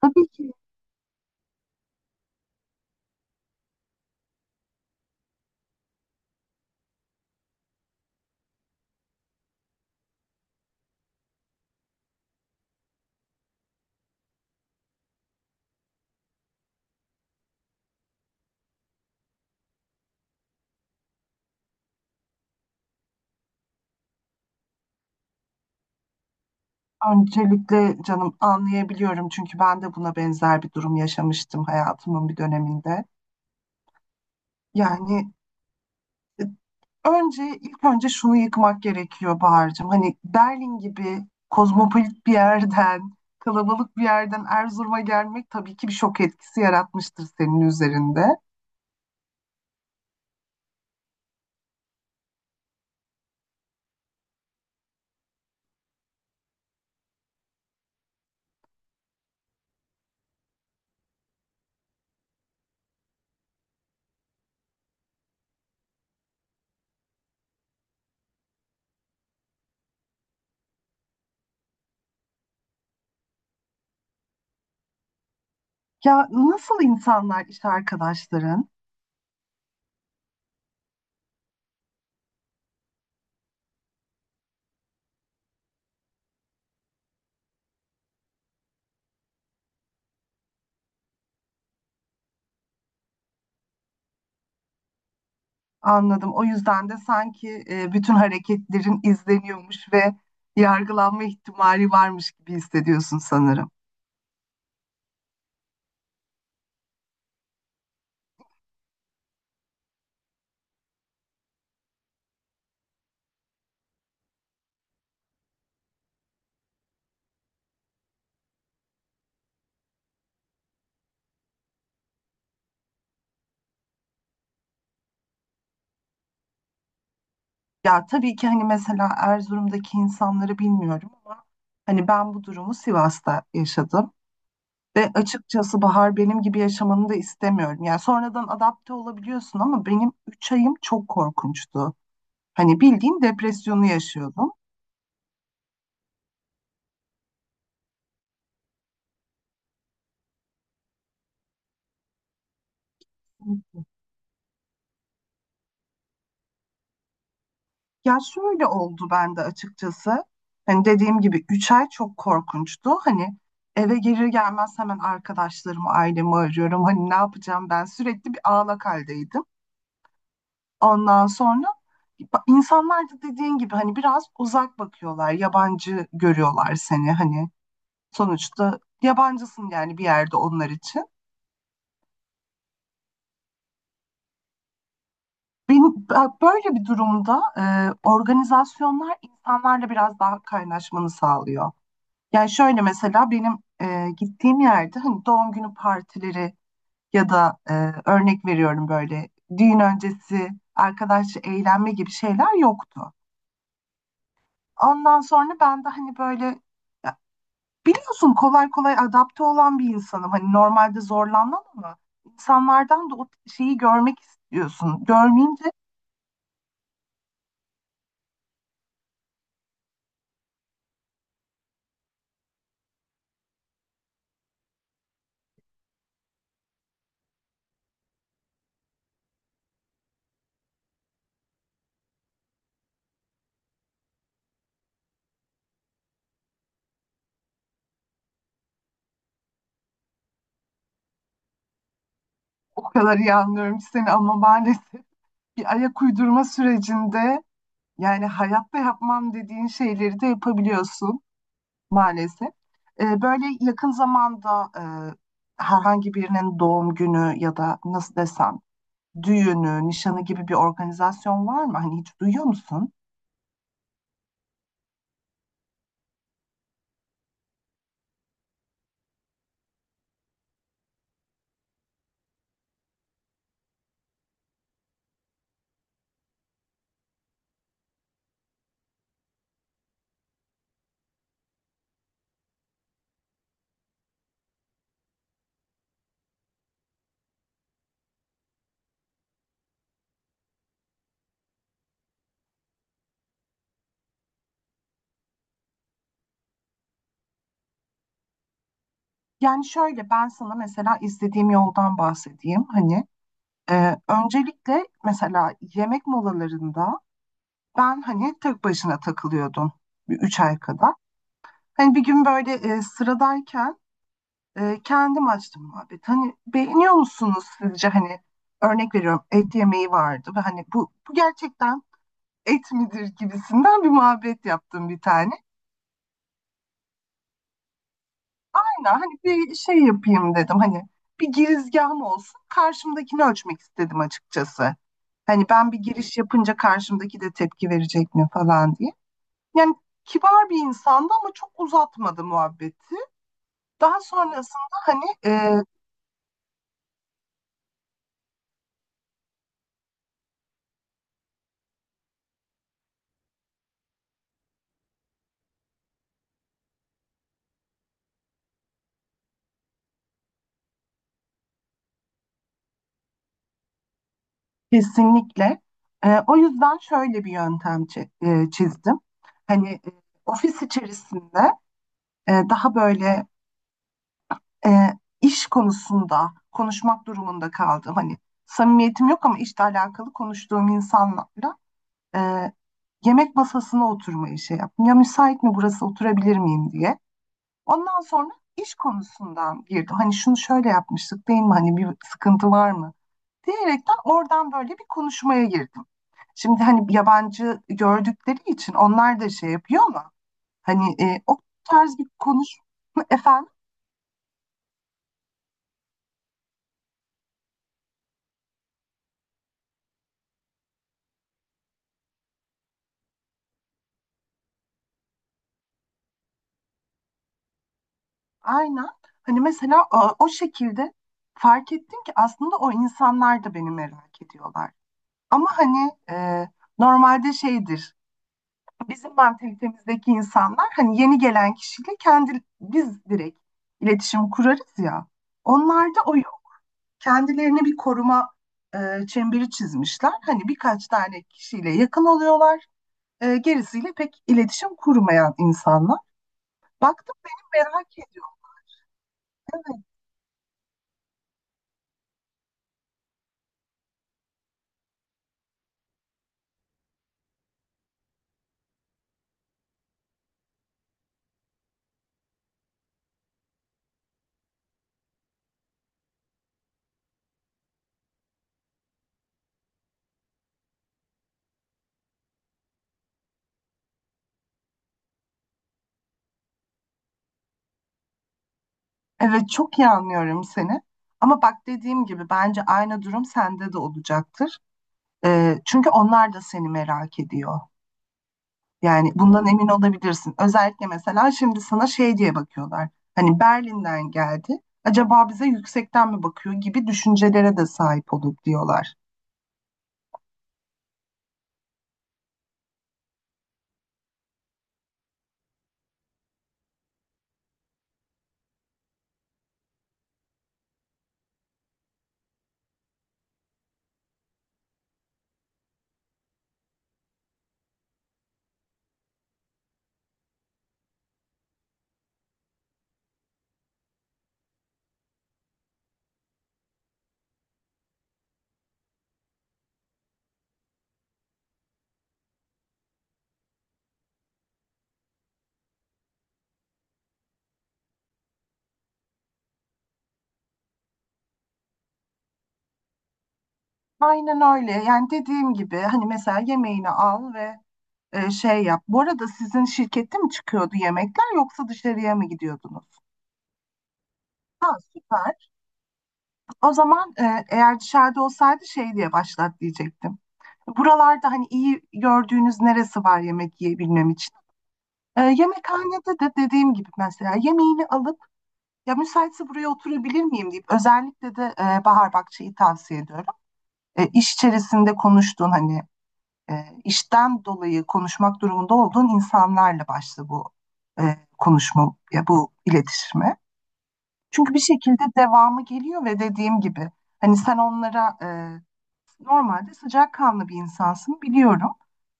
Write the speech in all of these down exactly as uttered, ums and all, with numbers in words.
Tabii ki öncelikle canım anlayabiliyorum çünkü ben de buna benzer bir durum yaşamıştım hayatımın bir döneminde. Yani e, Önce ilk önce şunu yıkmak gerekiyor Bahar'cığım. Hani Berlin gibi kozmopolit bir yerden, kalabalık bir yerden Erzurum'a gelmek tabii ki bir şok etkisi yaratmıştır senin üzerinde. Ya nasıl insanlar iş arkadaşların? Anladım. O yüzden de sanki e, bütün hareketlerin izleniyormuş ve yargılanma ihtimali varmış gibi hissediyorsun sanırım. Ya tabii ki hani mesela Erzurum'daki insanları bilmiyorum ama hani ben bu durumu Sivas'ta yaşadım ve açıkçası Bahar benim gibi yaşamanı da istemiyorum. Yani sonradan adapte olabiliyorsun ama benim üç ayım çok korkunçtu. Hani bildiğin depresyonu yaşıyordum. Ya şöyle oldu bende açıkçası. Hani dediğim gibi üç ay çok korkunçtu. Hani eve gelir gelmez hemen arkadaşlarımı, ailemi arıyorum. Hani ne yapacağım ben sürekli bir ağlak haldeydim. Ondan sonra ba- insanlar da dediğin gibi hani biraz uzak bakıyorlar. Yabancı görüyorlar seni hani. Sonuçta yabancısın yani bir yerde onlar için. Benim, ben- böyle bir durumda e, organizasyonlar insanlarla biraz daha kaynaşmanı sağlıyor. Yani şöyle mesela benim e, gittiğim yerde hani doğum günü partileri ya da e, örnek veriyorum böyle düğün öncesi arkadaşça eğlenme gibi şeyler yoktu. Ondan sonra ben de hani böyle ya biliyorsun kolay kolay adapte olan bir insanım. Hani normalde zorlanmam ama insanlardan da o şeyi görmek istiyorsun. Görmeyince o kadar iyi anlıyorum seni ama maalesef bir ayak uydurma sürecinde yani hayatta yapmam dediğin şeyleri de yapabiliyorsun. Maalesef. Eee, böyle yakın zamanda eee, herhangi birinin doğum günü ya da nasıl desem düğünü, nişanı gibi bir organizasyon var mı? Hani hiç duyuyor musun? Yani şöyle ben sana mesela izlediğim yoldan bahsedeyim. Hani eee, öncelikle mesela yemek molalarında ben hani tek başına takılıyordum bir üç ay kadar. Hani bir gün böyle eee, sıradayken E, kendim açtım muhabbet. Hani beğeniyor musunuz sizce hani örnek veriyorum et yemeği vardı ve hani bu, bu gerçekten et midir gibisinden bir muhabbet yaptım bir tane. Aynen hani bir şey yapayım dedim hani bir girizgahım olsun karşımdakini ölçmek istedim açıkçası. Hani ben bir giriş yapınca karşımdaki de tepki verecek mi falan diye. Yani kibar bir insandı ama çok uzatmadı muhabbeti. Daha sonrasında hani e, kesinlikle. Ee, o yüzden şöyle bir yöntem çi- e, çizdim. Hani e, ofis içerisinde e, daha böyle e, iş konusunda konuşmak durumunda kaldım. Hani samimiyetim yok ama işle alakalı konuştuğum insanlarla e, yemek masasına oturmayı şey yaptım. Ya müsait mi burası oturabilir miyim diye. Ondan sonra iş konusundan girdim. Hani şunu şöyle yapmıştık değil mi? Hani bir sıkıntı var mı? Diyerekten oradan böyle bir konuşmaya girdim. Şimdi hani yabancı gördükleri için onlar da şey yapıyor ama hani e, o tarz bir konuşma efendim aynen hani mesela o, o şekilde fark ettim ki aslında o insanlar da beni merak ediyorlar. Ama hani e, normalde şeydir bizim mantalitemizdeki insanlar hani yeni gelen kişiyle kendi biz direkt iletişim kurarız ya. Onlarda o kendilerine bir koruma e, çemberi çizmişler. Hani birkaç tane kişiyle yakın oluyorlar. E, gerisiyle pek iletişim kurmayan insanlar. Baktım benim merak ediyorum. Evet, çok iyi anlıyorum seni. Ama bak dediğim gibi bence aynı durum sende de olacaktır. E, çünkü onlar da seni merak ediyor. Yani bundan emin olabilirsin. Özellikle mesela şimdi sana şey diye bakıyorlar. Hani Berlin'den geldi. Acaba bize yüksekten mi bakıyor gibi düşüncelere de sahip olur diyorlar. Aynen öyle. Yani dediğim gibi hani mesela yemeğini al ve e, şey yap. Bu arada sizin şirkette mi çıkıyordu yemekler yoksa dışarıya mı gidiyordunuz? Ha, süper. O zaman e, eğer dışarıda olsaydı şey diye başlat diyecektim. Buralarda hani iyi gördüğünüz neresi var yemek yiyebilmem için? E, yemekhanede de dediğim gibi mesela yemeğini alıp ya müsaitse buraya oturabilir miyim deyip özellikle de e, Bahar Bakçı'yı tavsiye ediyorum. E, iş içerisinde konuştuğun hani e, işten dolayı konuşmak durumunda olduğun insanlarla başla bu e, konuşma, ya bu iletişime. Çünkü bir şekilde devamı geliyor ve dediğim gibi hani sen onlara e, normalde sıcakkanlı bir insansın biliyorum.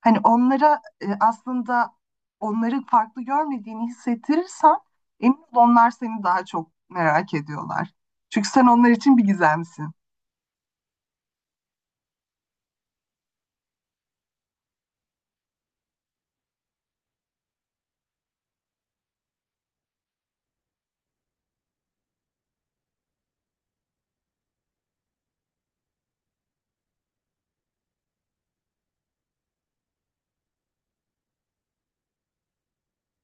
Hani onlara e, aslında onları farklı görmediğini hissettirirsen emin ol onlar seni daha çok merak ediyorlar. Çünkü sen onlar için bir gizemsin.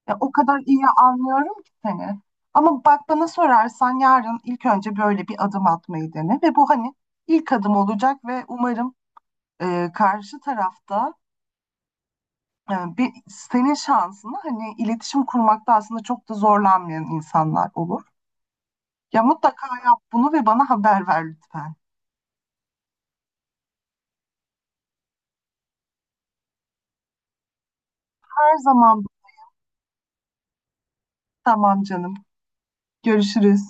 Ya, o kadar iyi anlıyorum ki seni. Ama bak bana sorarsan yarın ilk önce böyle bir adım atmayı dene ve bu hani ilk adım olacak ve umarım e, karşı tarafta e, bir, senin şansını hani iletişim kurmakta aslında çok da zorlanmayan insanlar olur. Ya mutlaka yap bunu ve bana haber ver lütfen. Her zaman. Tamam canım. Görüşürüz.